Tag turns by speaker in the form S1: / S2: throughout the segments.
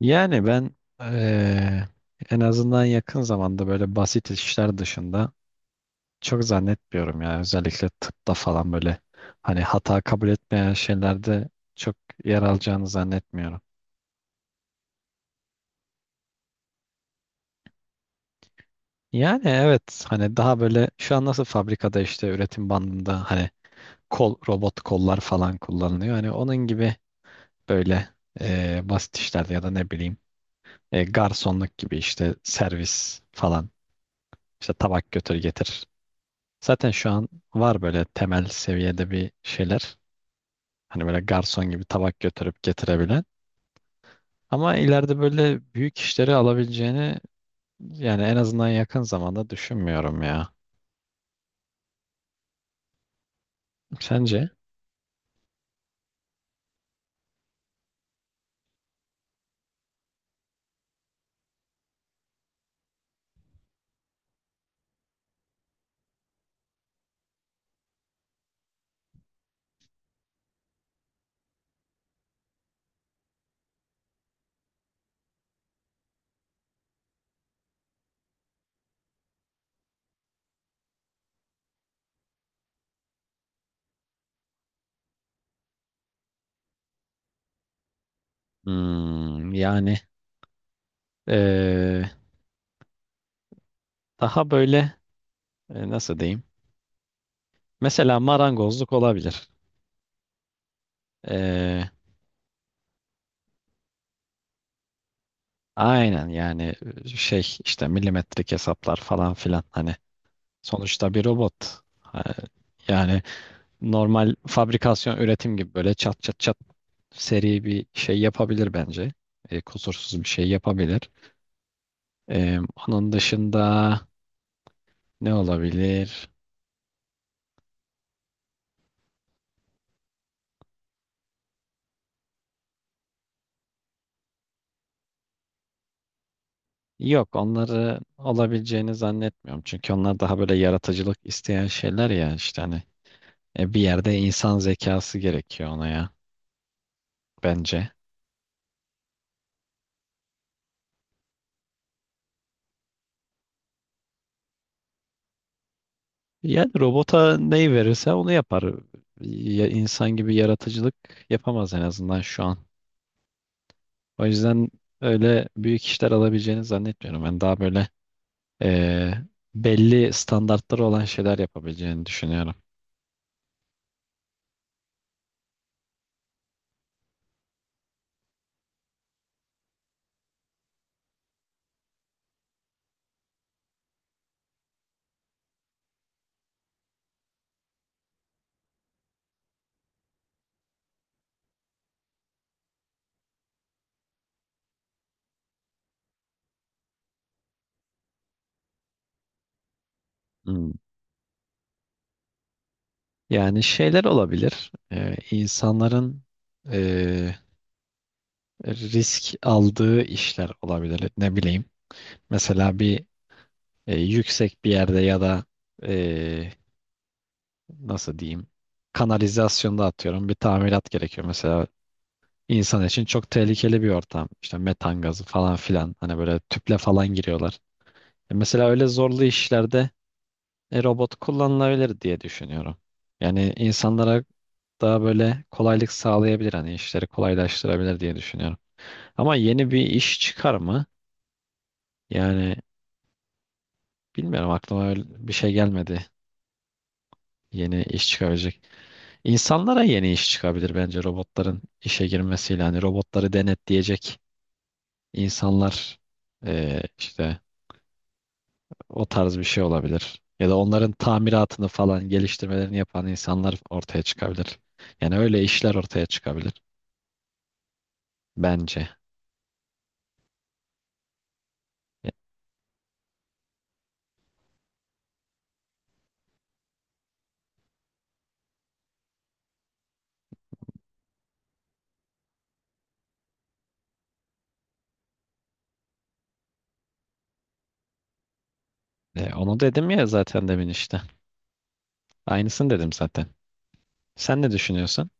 S1: Yani ben eee, en azından yakın zamanda böyle basit işler dışında çok zannetmiyorum ya. Özellikle tıpta falan böyle hani hata kabul etmeyen şeylerde çok yer alacağını zannetmiyorum. Yani evet hani daha böyle şu an nasıl fabrikada işte üretim bandında hani kol robot kollar falan kullanılıyor. Hani onun gibi böyle basit işlerde ya da ne bileyim garsonluk gibi işte servis falan işte tabak götür getir. Zaten şu an var böyle temel seviyede bir şeyler. Hani böyle garson gibi tabak götürüp getirebilen. Ama ileride böyle büyük işleri alabileceğini yani en azından yakın zamanda düşünmüyorum ya. Sence? Hmm, yani eee, daha böyle nasıl diyeyim? Mesela marangozluk olabilir. Eee, aynen yani şey işte milimetrik hesaplar falan filan hani sonuçta bir robot. Ha, yani normal fabrikasyon üretim gibi böyle çat çat çat seri bir şey yapabilir bence. E, kusursuz bir şey yapabilir. E, onun dışında ne olabilir? Yok onları olabileceğini zannetmiyorum. Çünkü onlar daha böyle yaratıcılık isteyen şeyler ya işte hani bir yerde insan zekası gerekiyor ona ya bence. Yani robota neyi verirse onu yapar. Ya, insan gibi yaratıcılık yapamaz en azından şu an. O yüzden öyle büyük işler alabileceğini zannetmiyorum. Ben daha böyle eee, belli standartları olan şeyler yapabileceğini düşünüyorum. Hmm. Yani şeyler olabilir. İnsanların eee, risk aldığı işler olabilir. Ne bileyim. Mesela bir yüksek bir yerde ya da nasıl diyeyim kanalizasyonda atıyorum bir tamirat gerekiyor. Mesela insan için çok tehlikeli bir ortam. İşte metan gazı falan filan hani böyle tüple falan giriyorlar. E mesela öyle zorlu işlerde robot kullanılabilir diye düşünüyorum. Yani insanlara daha böyle kolaylık sağlayabilir hani işleri kolaylaştırabilir diye düşünüyorum. Ama yeni bir iş çıkar mı? Yani bilmiyorum aklıma öyle bir şey gelmedi. Yeni iş çıkabilecek. İnsanlara yeni iş çıkabilir bence robotların işe girmesiyle. Hani robotları denetleyecek insanlar işte o tarz bir şey olabilir. Ya da onların tamiratını falan geliştirmelerini yapan insanlar ortaya çıkabilir. Yani öyle işler ortaya çıkabilir bence. E, onu dedim ya zaten demin işte. Aynısını dedim zaten. Sen ne düşünüyorsun?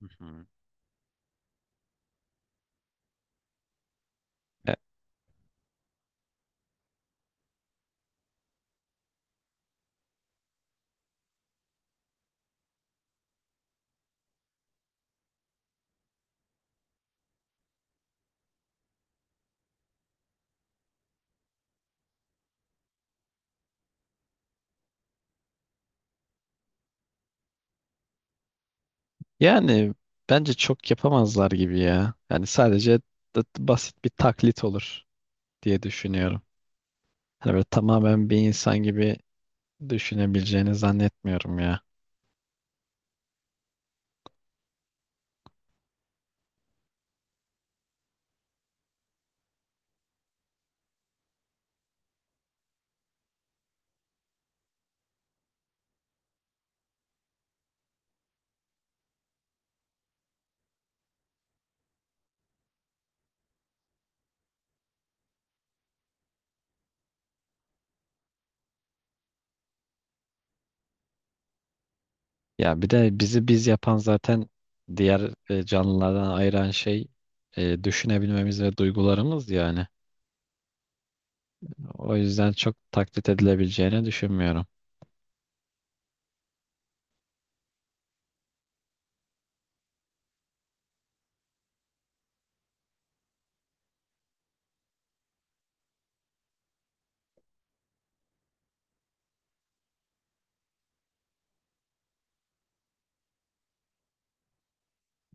S1: Hı hı. E, yani bence çok yapamazlar gibi ya. Yani sadece basit bir taklit olur diye düşünüyorum. Hani böyle tamamen bir insan gibi düşünebileceğini zannetmiyorum ya. Ya bir de bizi biz yapan zaten diğer canlılardan ayıran şey düşünebilmemiz ve duygularımız yani. O yüzden çok taklit edilebileceğini düşünmüyorum.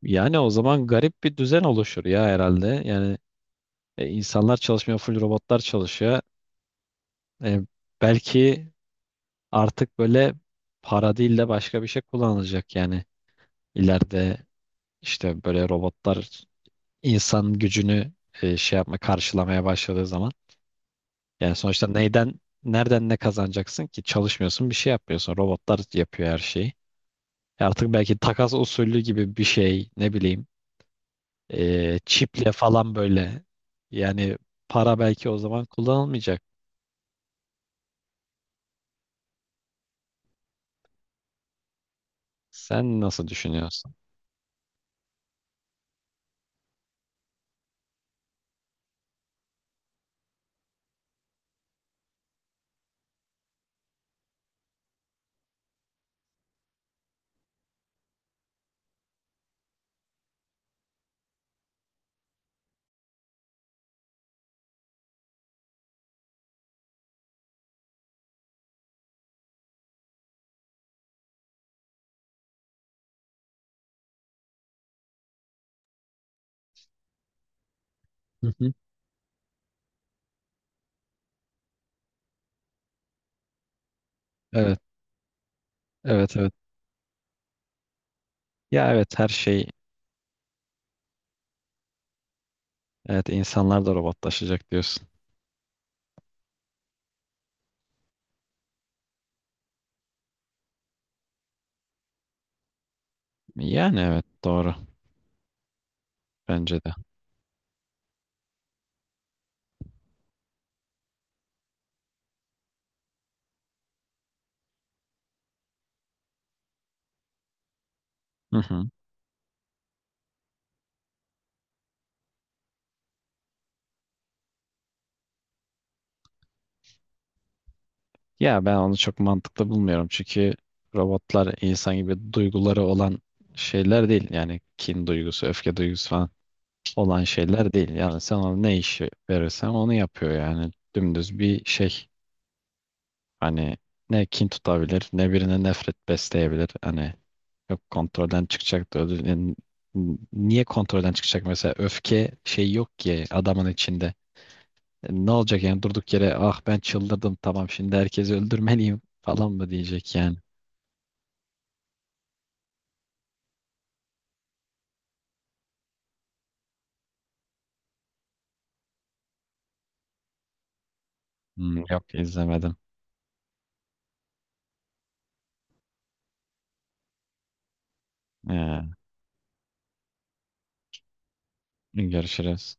S1: Yani o zaman garip bir düzen oluşur ya herhalde. Yani insanlar çalışmıyor, full robotlar çalışıyor. E, belki artık böyle para değil de başka bir şey kullanılacak yani. İleride işte böyle robotlar insan gücünü şey yapma, karşılamaya başladığı zaman. Yani sonuçta neyden, nereden ne kazanacaksın ki? Çalışmıyorsun, bir şey yapmıyorsun. Robotlar yapıyor her şeyi. E artık belki takas usulü gibi bir şey, ne bileyim. Çiple falan böyle. Yani para belki o zaman kullanılmayacak. Sen nasıl düşünüyorsun? Hı hı. Evet, evet, evet. Ya evet her şey, evet insanlar da robotlaşacak diyorsun. Yani evet doğru bence de. Hı hı. Ya ben onu çok mantıklı bulmuyorum çünkü robotlar insan gibi duyguları olan şeyler değil. Yani kin duygusu, öfke duygusu falan olan şeyler değil. Yani sen ona ne işi verirsen onu yapıyor yani. Dümdüz bir şey. Hani ne kin tutabilir ne birine nefret besleyebilir. Hani yok kontrolden çıkacak da ödül- yani niye kontrolden çıkacak mesela öfke şey yok ki adamın içinde. E, ne olacak yani durduk yere ah ben çıldırdım tamam şimdi herkesi öldürmeliyim falan mı diyecek yani. Hmm, yok izlemedim. Ee, görüşürüz.